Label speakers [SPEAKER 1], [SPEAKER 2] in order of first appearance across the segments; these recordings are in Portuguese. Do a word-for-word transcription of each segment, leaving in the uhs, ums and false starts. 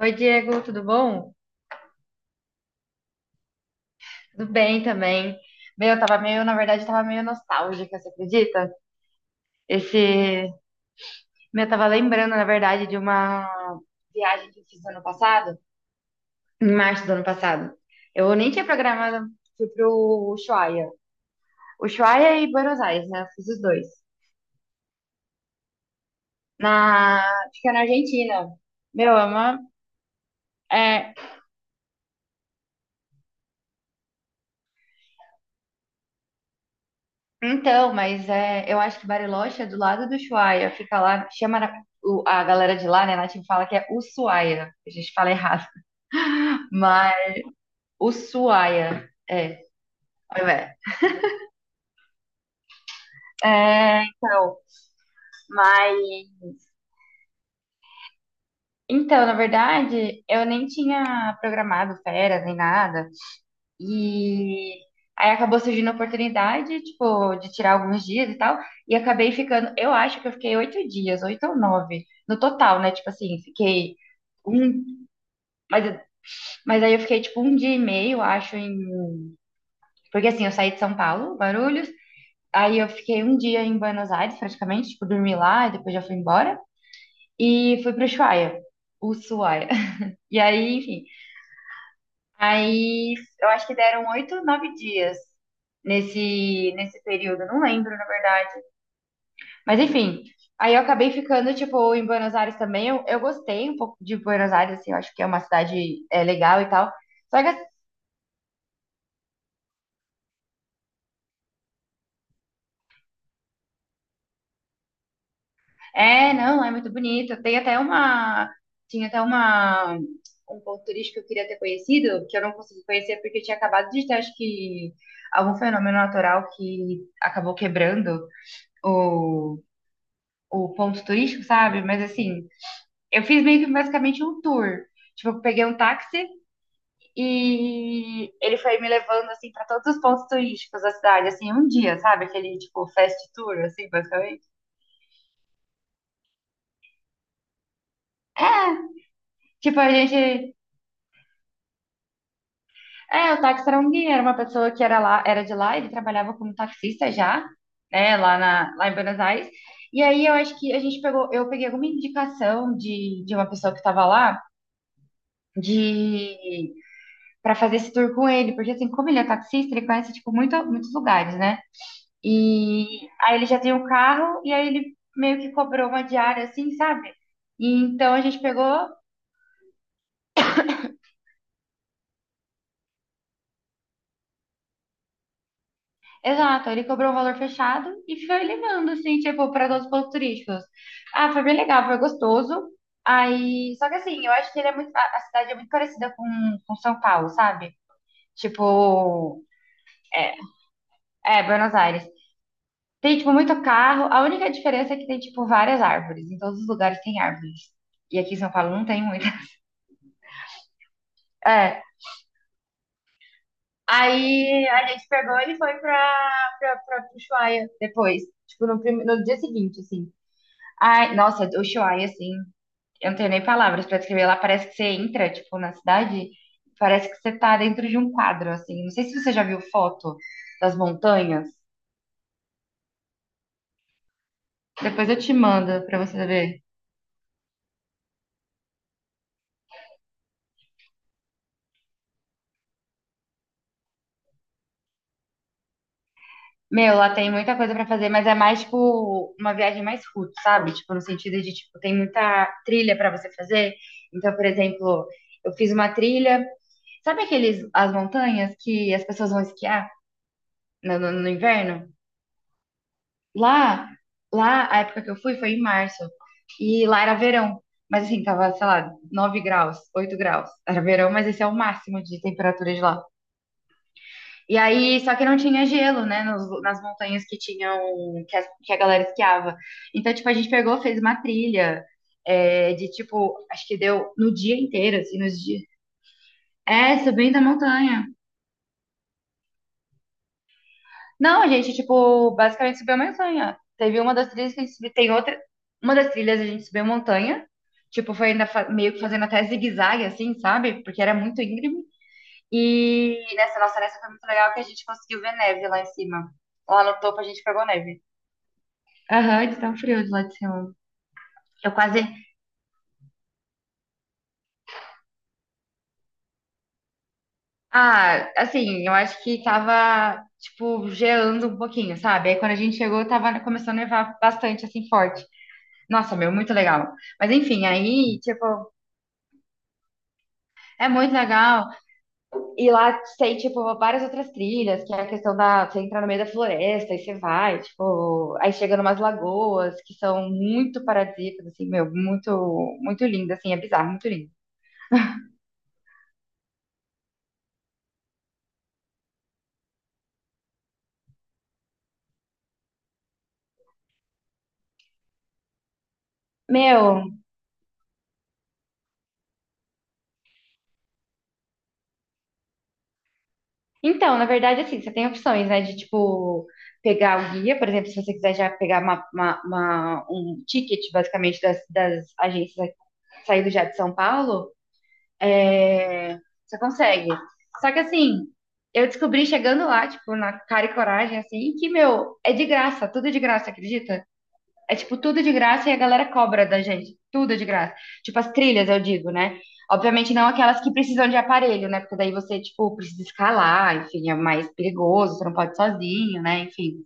[SPEAKER 1] Oi, Diego, tudo bom? Tudo bem também. Meu, eu tava meio, na verdade, tava meio nostálgica, você acredita? Esse, meu, eu tava lembrando, na verdade, de uma viagem que eu fiz ano passado, em março do ano passado. Eu nem tinha programado, fui pro Ushuaia. Ushuaia e Buenos Aires, né? Eu fiz os dois. Na, Fica na Argentina. Meu, é uma, é, Então, mas é, eu acho que Bariloche é do lado do Ushuaia, fica lá, chama na- o- a galera de lá, né, a Nath fala que é Ushuaia, a gente fala errado, mas Ushuaia, é, olha, velho. é, então, mas, então, na verdade, eu nem tinha programado férias nem nada, e aí acabou surgindo a oportunidade, tipo, de tirar alguns dias e tal, e acabei ficando, eu acho que eu fiquei oito dias, oito ou nove, no total, né, tipo assim, fiquei... um Mas, eu- mas aí eu fiquei tipo um dia e meio, acho, em. Porque assim, eu saí de São Paulo, Guarulhos. Aí eu fiquei um dia em Buenos Aires, praticamente, tipo, dormi lá, e depois já fui embora. E fui pro Ushuaia, Ushuaia. E aí, enfim. Aí eu acho que deram oito, nove dias nesse, nesse período, não lembro, na verdade. Mas enfim, aí eu acabei ficando, tipo, em Buenos Aires também. Eu, eu gostei um pouco de Buenos Aires, assim, eu acho que é uma cidade é, legal e tal. Só que assim, É, não, é muito bonito. Tem até uma, tinha até uma, um ponto turístico que eu queria ter conhecido, que eu não consegui conhecer porque eu tinha acabado de ter, acho que, algum fenômeno natural que acabou quebrando o, o ponto turístico, sabe? Mas assim, eu fiz meio que basicamente um tour. Tipo, eu peguei um táxi e ele foi me levando, assim, para todos os pontos turísticos da cidade, assim, um dia, sabe? Aquele, tipo, fast tour, assim, basicamente. Tipo, a gente É, o táxi era um guia, era uma pessoa que era lá, era de lá, ele trabalhava como taxista já, né, lá na, lá em Buenos Aires. E aí eu acho que a gente pegou, eu peguei alguma indicação de, de uma pessoa que estava lá de para fazer esse tour com ele, porque assim, como ele é taxista, ele conhece tipo muito, muitos lugares, né? E aí ele já tem um carro e aí ele meio que cobrou uma diária assim, sabe? E então a gente pegou Exato, ele cobrou um valor fechado e foi levando, assim, tipo, para todos os pontos turísticos. Ah, foi bem legal, foi gostoso. Aí, só que assim, eu acho que ele é muito, a a cidade é muito parecida com, com São Paulo, sabe? Tipo, é, é, Buenos Aires. Tem, tipo, muito carro. A única diferença é que tem, tipo, várias árvores. Em todos os lugares tem árvores. E aqui em São Paulo não tem muita. É. Aí a gente pegou ele e foi pra, pra, pra Ushuaia depois. Tipo, no, prim- no dia seguinte, assim. Ai, nossa, o Ushuaia, assim. Eu não tenho nem palavras pra descrever. Lá parece que você entra, tipo, na cidade, parece que você tá dentro de um quadro, assim. Não sei se você já viu foto das montanhas. Depois eu te mando pra você ver. Meu, lá tem muita coisa pra fazer, mas é mais tipo uma viagem mais roots, sabe? Tipo, no sentido de, tipo, tem muita trilha pra você fazer. Então, por exemplo, eu fiz uma trilha. Sabe aqueles, as montanhas que as pessoas vão esquiar no, no no inverno? Lá, lá, a época que eu fui foi em março. E lá era verão. Mas assim, tava, sei lá, nove graus, oito graus. Era verão, mas esse é o máximo de temperatura de lá. E aí, só que não tinha gelo, né? Nos- nas montanhas que tinham, que, as- que a galera esquiava. Então, tipo, a gente pegou, fez uma trilha, é, de tipo, acho que deu no dia inteiro, assim, nos dias. É, subindo a montanha. Não, a gente, tipo, basicamente subiu a montanha. Teve uma das trilhas que a gente subiu, tem outra. Uma das trilhas a gente subiu a montanha. Tipo, foi ainda fa- meio que fazendo até zigue-zague, assim, sabe? Porque era muito íngreme. E nessa nossa nessa foi muito legal que a gente conseguiu ver neve lá em cima. Lá no topo a gente pegou neve. Aham, de tão frio de lá de cima. Eu quase. Ah, assim, eu acho que tava, tipo, geando um pouquinho, sabe? Aí quando a gente chegou, tava começando a nevar bastante, assim, forte. Nossa, meu, muito legal. Mas enfim, aí, tipo, É muito legal. E lá tem, tipo, várias outras trilhas, que é a questão da você entrar no meio da floresta e você vai, tipo, aí chega numas lagoas que são muito paradisíacas, assim, meu, muito, muito lindo, assim, é bizarro, muito lindo. Meu, então, na verdade, assim, você tem opções, né, de, tipo, pegar o guia, por exemplo, se você quiser já pegar uma, uma- uma- um ticket, basicamente, das, das agências, sair do já de São Paulo, É, você consegue. Só que assim, eu descobri chegando lá, tipo, na cara e coragem, assim, que, meu, é de graça, tudo é de graça, acredita? É tipo, tudo de graça e a galera cobra da gente, tudo é de graça. Tipo, as trilhas, eu digo, né? Obviamente não aquelas que precisam de aparelho, né? Porque daí você, tipo, precisa escalar, enfim, é mais perigoso, você não pode ir sozinho, né? Enfim.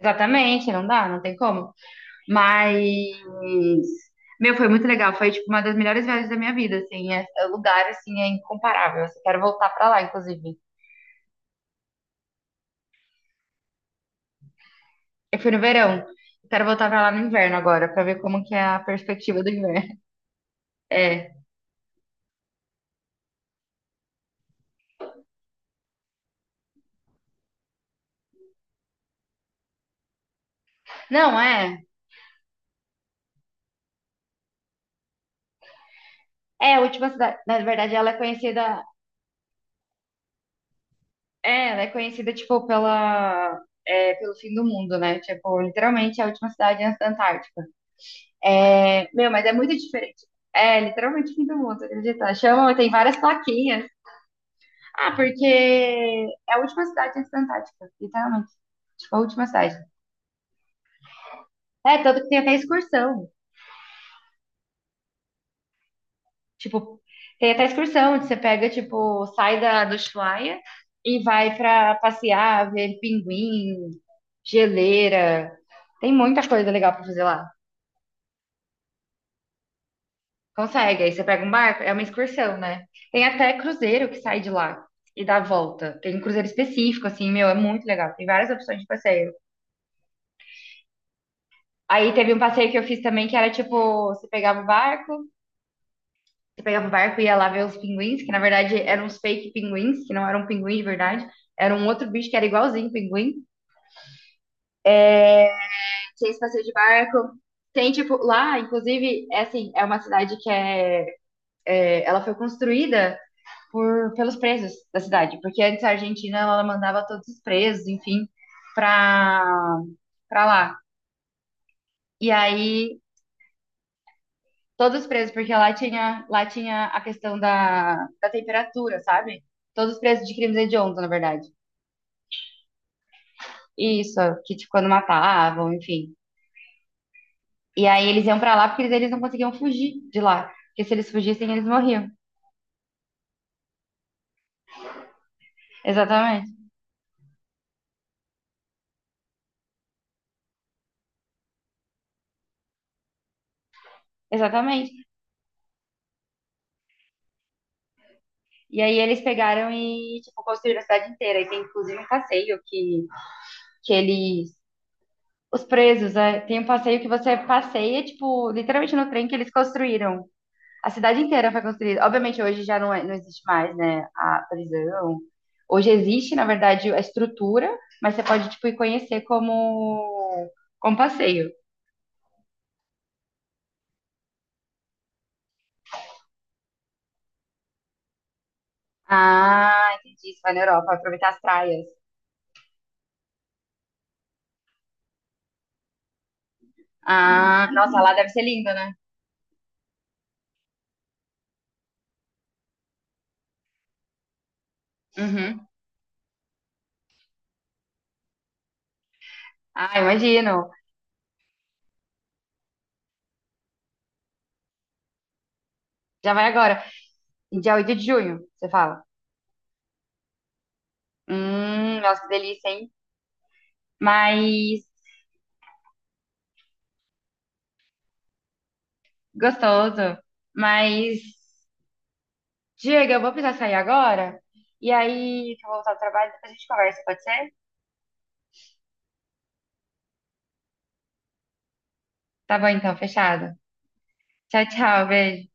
[SPEAKER 1] Exatamente, não dá, não tem como. Mas, meu, foi muito legal. Foi, tipo, uma das melhores viagens da minha vida, assim. É, é lugar, assim, é incomparável. Eu quero voltar pra lá, inclusive. Eu fui no verão. Eu quero voltar pra lá no inverno agora, pra ver como que é a perspectiva do inverno. É. Não, é. É, a última cidade. Na verdade, ela é conhecida... É, ela é conhecida, tipo, pela... é, pelo fim do mundo, né? Tipo, literalmente é a última cidade antes da Antártica. É, meu, mas é muito diferente. É, literalmente fim do mundo, acredita? Chama, tem várias plaquinhas. Ah, porque é a última cidade antes da Antártica, literalmente. Tipo, a última cidade. É, tanto que tem até excursão. Tipo, tem até excursão, onde você pega, tipo, sai da, do Ushuaia e vai pra passear, ver pinguim, geleira. Tem muita coisa legal pra fazer lá. Consegue, aí você pega um barco, é uma excursão, né? Tem até cruzeiro que sai de lá e dá a volta. Tem um cruzeiro específico, assim, meu, é muito legal. Tem várias opções de passeio. Aí teve um passeio que eu fiz também que era tipo, você pegava o barco, você pegava o barco e ia lá ver os pinguins, que na verdade eram os fake pinguins, que não eram pinguins de verdade, era um outro bicho que era igualzinho pinguim. Tinha esse passeio de barco. Tem tipo, lá, inclusive, é assim, é uma cidade que é, ela foi construída por pelos presos da cidade, porque antes a Argentina ela mandava todos os presos, enfim, pra para lá. E aí Todos presos, porque lá tinha, lá tinha a questão da, da temperatura, sabe? Todos presos de crimes hediondos, na verdade. Isso, que tipo, quando matavam, enfim. E aí eles iam pra lá porque eles, eles não conseguiam fugir de lá. Porque se eles fugissem, eles morriam. Exatamente. Exatamente. E aí eles pegaram e, tipo, construíram a cidade inteira. E tem, inclusive, um passeio que, que eles... Os presos, é, tem um passeio que você passeia, tipo, literalmente no trem que eles construíram. A cidade inteira foi construída. Obviamente, hoje já não, é- não existe mais, né, a prisão. Hoje existe, na verdade, a estrutura, mas você pode, tipo, ir conhecer como, como passeio. Ah, entendi. Você vai na Europa, vai aproveitar as praias. Ah, nossa, lá deve ser lindo, né? Uhum. Ah, imagino. Já vai agora. Dia oito de junho, você fala. Hum, nossa, que delícia, hein? Mas gostoso. Mas Diego, eu vou precisar sair agora. E aí, que eu vou voltar ao trabalho, depois a gente conversa, pode ser? Tá bom então, fechado. Tchau, tchau, beijo.